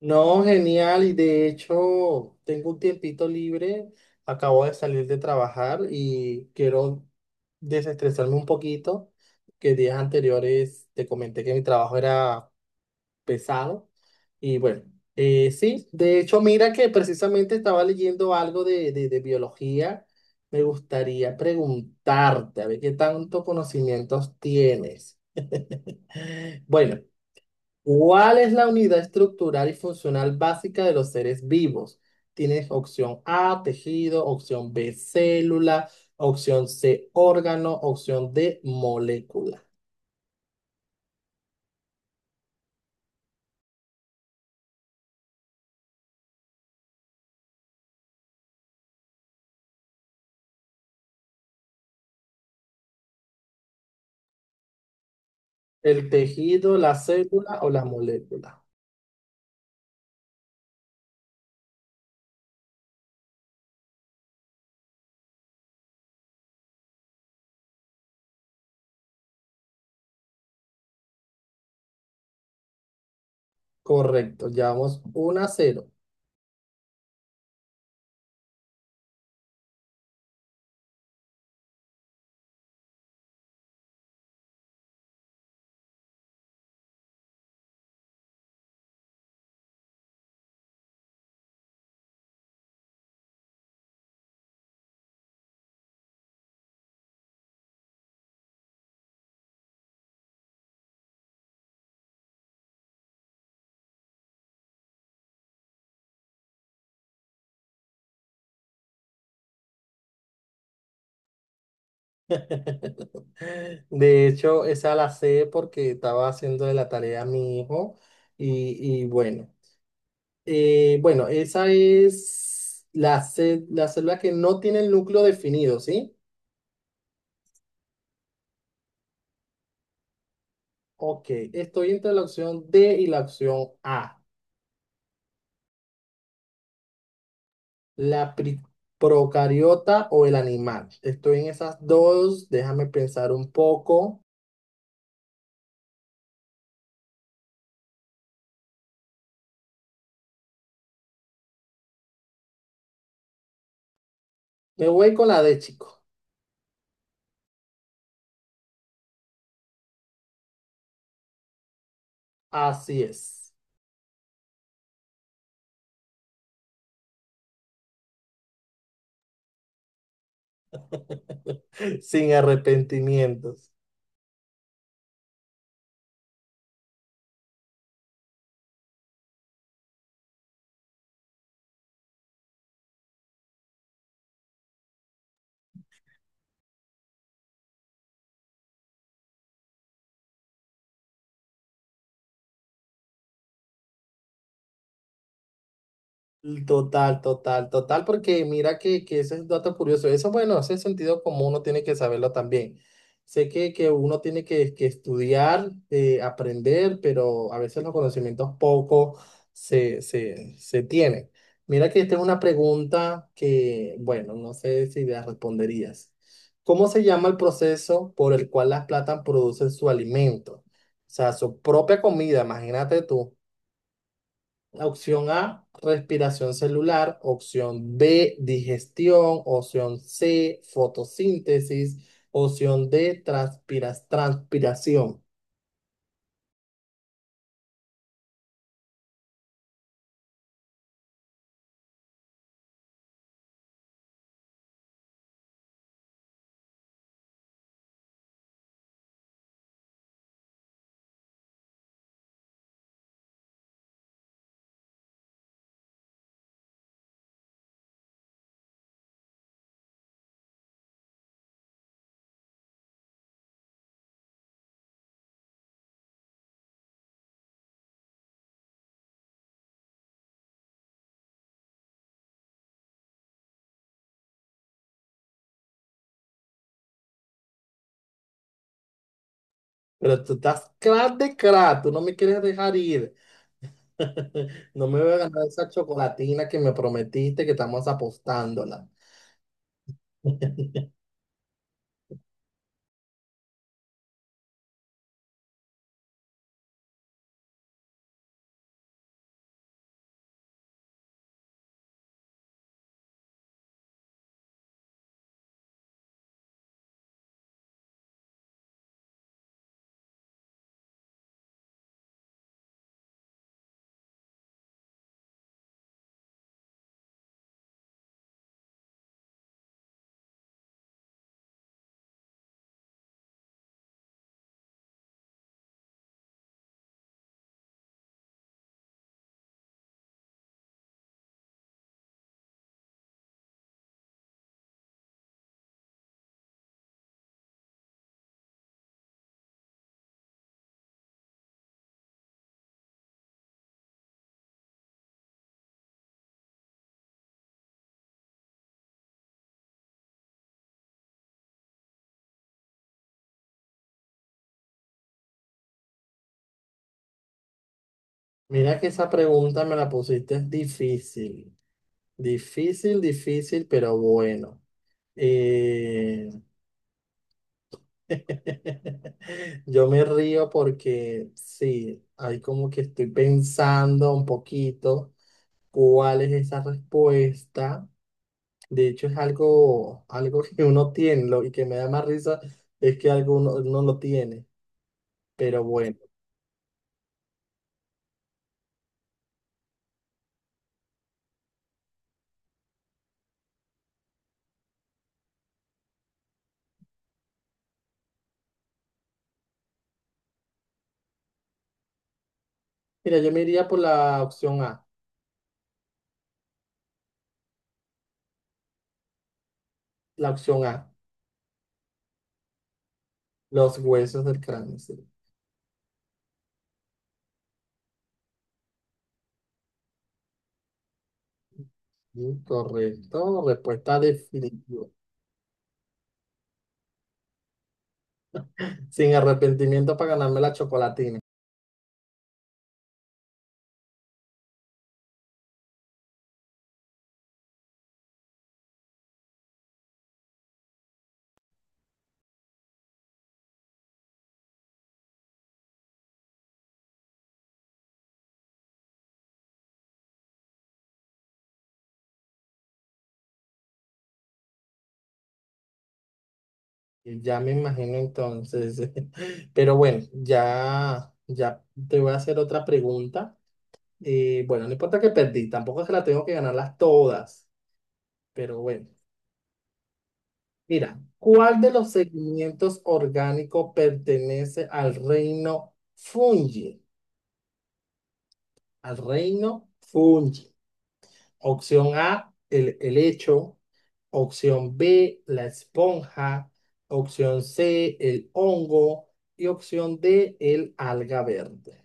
No, genial. Y de hecho, tengo un tiempito libre. Acabo de salir de trabajar y quiero desestresarme un poquito, que días anteriores te comenté que mi trabajo era pesado. Y bueno, sí, de hecho, mira que precisamente estaba leyendo algo de biología. Me gustaría preguntarte, a ver qué tanto conocimientos tienes. Bueno. ¿Cuál es la unidad estructural y funcional básica de los seres vivos? Tienes opción A, tejido, opción B, célula, opción C, órgano, opción D, molécula. El tejido, la célula o la molécula. Correcto, llevamos 1 a 0. De hecho, esa la sé porque estaba haciendo de la tarea a mi hijo y bueno. Bueno, esa es la, la célula que no tiene el núcleo definido, ¿sí? Ok, estoy entre la opción D y la opción A, la pri- procariota o el animal. Estoy en esas dos, déjame pensar un poco. Me voy con la D, chico. Así es, sin arrepentimientos. Total, total, total, porque mira que ese es un dato curioso. Eso, bueno, ese sentido común uno tiene que saberlo también. Sé que uno tiene que estudiar, aprender, pero a veces los conocimientos poco se tienen. Mira que esta es una pregunta que, bueno, no sé si la responderías. ¿Cómo se llama el proceso por el cual las plantas producen su alimento? O sea, su propia comida, imagínate tú. Opción A, respiración celular. Opción B, digestión. Opción C, fotosíntesis. Opción D, transpiración. Pero tú estás crack de crack, tú no me quieres dejar ir. No me voy a ganar esa chocolatina que me prometiste que estamos apostándola. Mira que esa pregunta me la pusiste difícil. Difícil, difícil, pero bueno. Eh, Yo me río porque sí, ahí como que estoy pensando un poquito cuál es esa respuesta. De hecho, es algo, algo que uno tiene, y que me da más risa es que alguno uno lo tiene. Pero bueno, mira, yo me iría por la opción A, los huesos del cráneo. Sí. Mm, correcto, respuesta definitiva. Sin arrepentimiento para ganarme la chocolatina. Ya me imagino entonces. Pero bueno, ya te voy a hacer otra pregunta. Bueno, no importa que perdí, tampoco es que la tengo que ganarlas todas, pero bueno. Mira, ¿cuál de los segmentos orgánicos pertenece al reino fungi? Al reino fungi. Opción A, el helecho. Opción B, la esponja. Opción C, el hongo. Y opción D, el alga verde.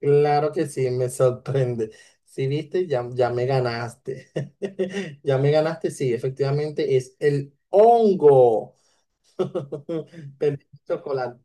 Claro que sí, me sorprende. Si viste, ya me ganaste. Ya me ganaste, sí, efectivamente es el hongo. Perdí el chocolate.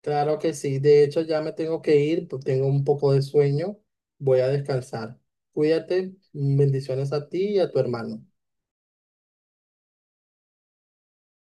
Claro que sí. De hecho, ya me tengo que ir, pues tengo un poco de sueño. Voy a descansar. Cuídate. Bendiciones a ti y a tu hermano.